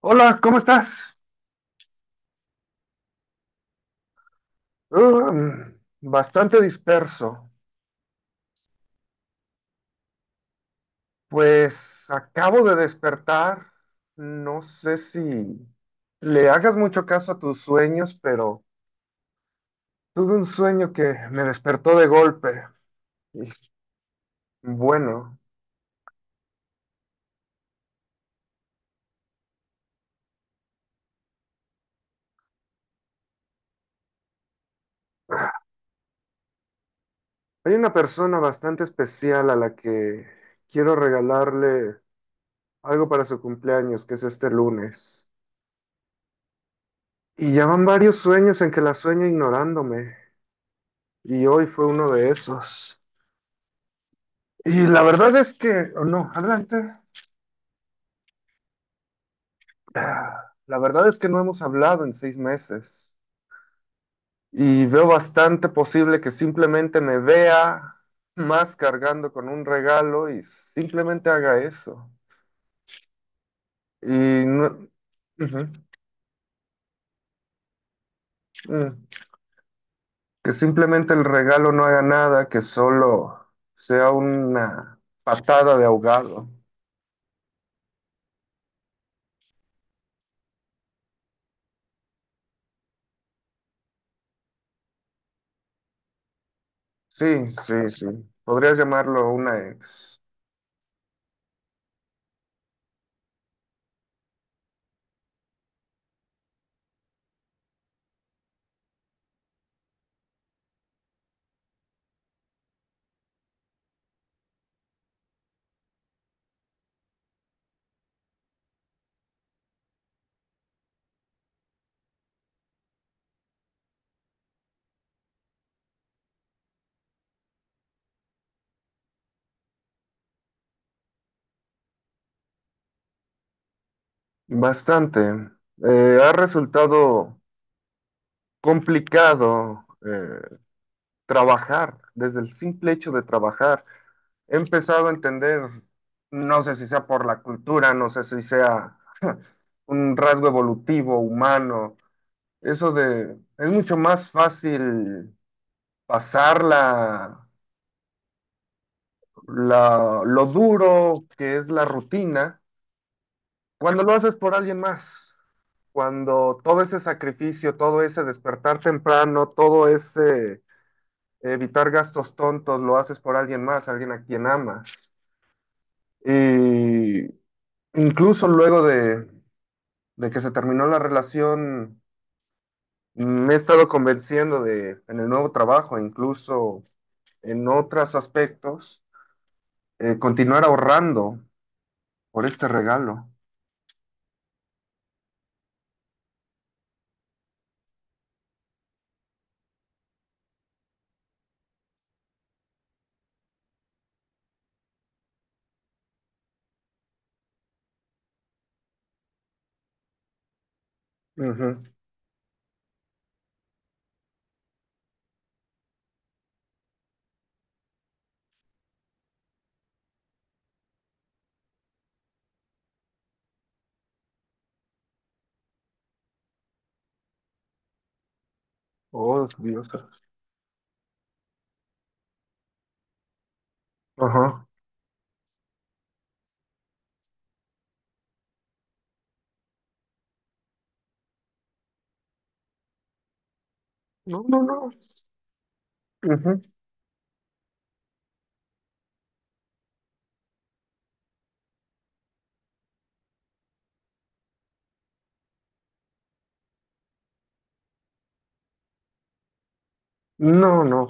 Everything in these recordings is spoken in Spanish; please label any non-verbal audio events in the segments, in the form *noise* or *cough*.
Hola, ¿cómo estás? Um, bastante disperso. Pues acabo de despertar. No sé si le hagas mucho caso a tus sueños, pero tuve un sueño que me despertó de golpe. Y bueno, hay una persona bastante especial a la que quiero regalarle algo para su cumpleaños, que es este lunes. Y ya van varios sueños en que la sueño ignorándome. Y hoy fue uno de esos. Y la verdad es que, o no, adelante. Ah, la verdad es que no hemos hablado en 6 meses y veo bastante posible que simplemente me vea más cargando con un regalo y simplemente haga eso. Y no- Ujú. mm. Que simplemente el regalo no haga nada, que solo sea una patada de ahogado. Sí, sí, sí. Podrías llamarlo una ex. Bastante. Ha resultado complicado, trabajar, desde el simple hecho de trabajar. He empezado a entender, no sé si sea por la cultura, no sé si sea un rasgo evolutivo, humano, eso de, es mucho más fácil pasar lo duro que es la rutina cuando lo haces por alguien más. Cuando todo ese sacrificio, todo ese despertar temprano, todo ese evitar gastos tontos, lo haces por alguien más, alguien a quien amas. Y incluso luego de que se terminó la relación, me he estado convenciendo de, en el nuevo trabajo, incluso en otros aspectos, continuar ahorrando por este regalo. Ujú. Oh, Dios. Ajá. No, no, no. Ujú. No, no.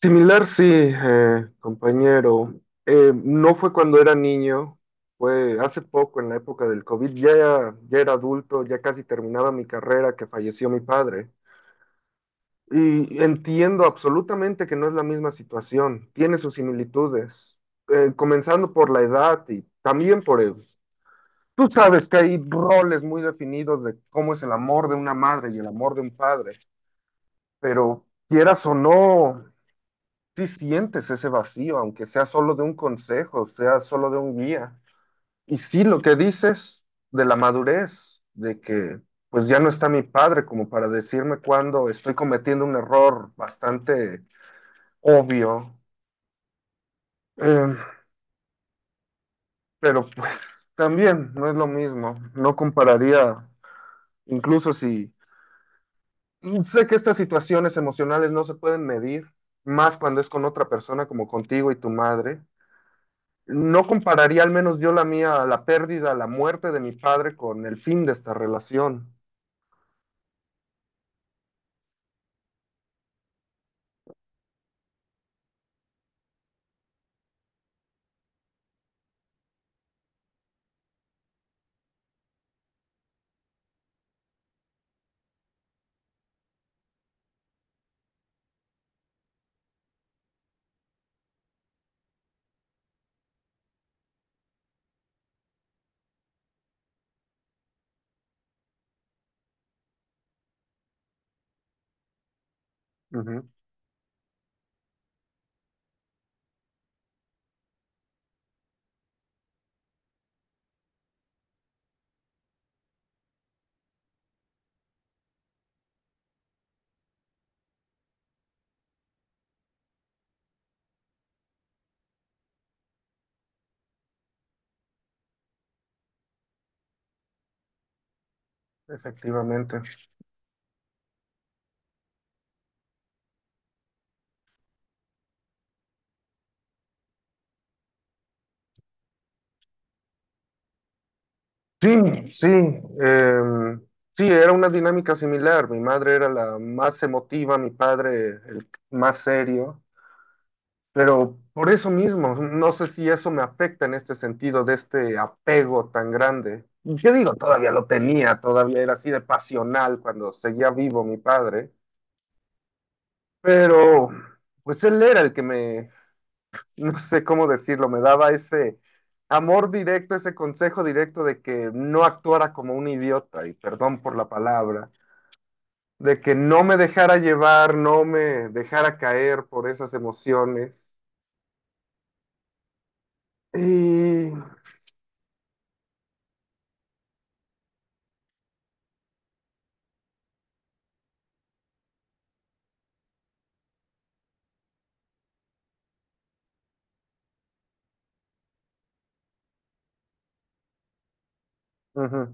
Similar, sí, compañero. No fue cuando era niño, fue hace poco, en la época del COVID. Ya, ya era adulto, ya casi terminaba mi carrera, que falleció mi padre. Y entiendo absolutamente que no es la misma situación, tiene sus similitudes, comenzando por la edad y también por el. Tú sabes que hay roles muy definidos de cómo es el amor de una madre y el amor de un padre, pero quieras o no, sí sientes ese vacío, aunque sea solo de un consejo, sea solo de un guía. Y sí, lo que dices de la madurez, de que pues ya no está mi padre como para decirme cuando estoy cometiendo un error bastante obvio, Eh, pero pues también no es lo mismo, no compararía, incluso si sé que estas situaciones emocionales no se pueden medir, más cuando es con otra persona como contigo y tu madre. No compararía al menos yo la mía, la pérdida, la muerte de mi padre con el fin de esta relación. Ujú, efectivamente. Sí, sí. em, sí, era una dinámica similar. Mi madre era la más emotiva, mi padre el más serio. Pero por eso mismo, no sé si eso me afecta en este sentido de este apego tan grande. Yo digo, todavía lo tenía, todavía era así de pasional cuando seguía vivo mi padre, pero pues él era el que me, no sé cómo decirlo, me daba ese amor directo, ese consejo directo de que no actuara como un idiota, y perdón por la palabra, de que no me dejara llevar, no me dejara caer por esas emociones. Y ujú,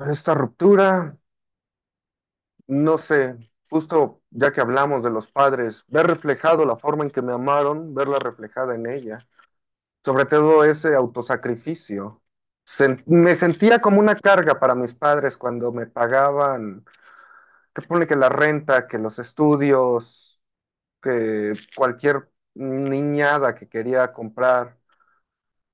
esta ruptura, no sé, justo ya que hablamos de los padres, ver reflejado la forma en que me amaron, verla reflejada en ella. Sobre todo ese autosacrificio. Me sentía como una carga para mis padres cuando me pagaban, que pone que la renta, que los estudios, que cualquier niñada que quería comprar.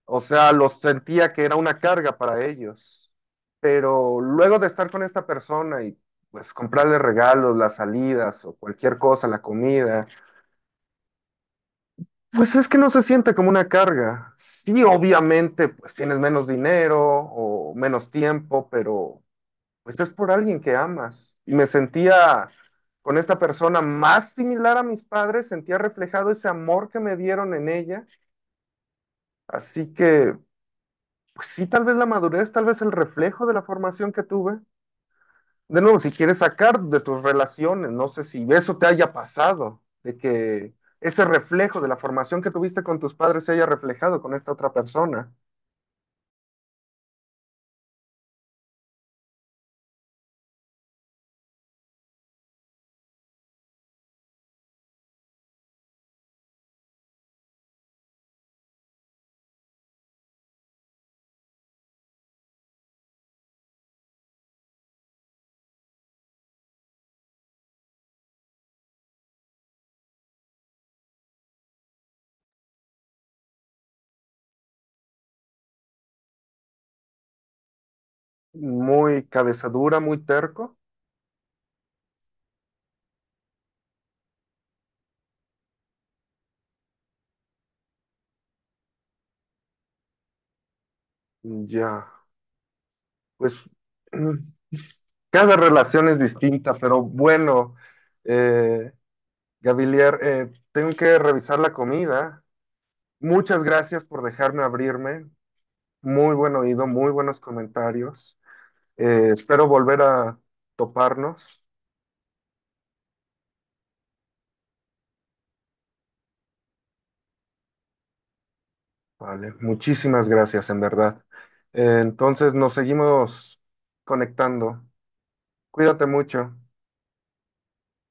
O sea, los sentía que era una carga para ellos. Pero luego de estar con esta persona y pues comprarle regalos, las salidas o cualquier cosa, la comida. Pues es que no se siente como una carga. Sí, obviamente, pues tienes menos dinero o menos tiempo, pero pues es por alguien que amas. Y me sentía con esta persona más similar a mis padres, sentía reflejado ese amor que me dieron en ella. Así que, pues sí, tal vez la madurez, tal vez el reflejo de la formación que tuve. De nuevo, si quieres sacar de tus relaciones, no sé si eso te haya pasado, de que ese reflejo de la formación que tuviste con tus padres se haya reflejado con esta otra persona. Muy cabezadura, muy terco. Ya, pues *clears throat* cada relación es distinta, pero bueno, eh, Gavilier, tengo que revisar la comida. Muchas gracias por dejarme abrirme. Muy buen oído, muy buenos comentarios. Espero volver a toparnos. Vale, muchísimas gracias, en verdad. Entonces nos seguimos conectando. Cuídate mucho.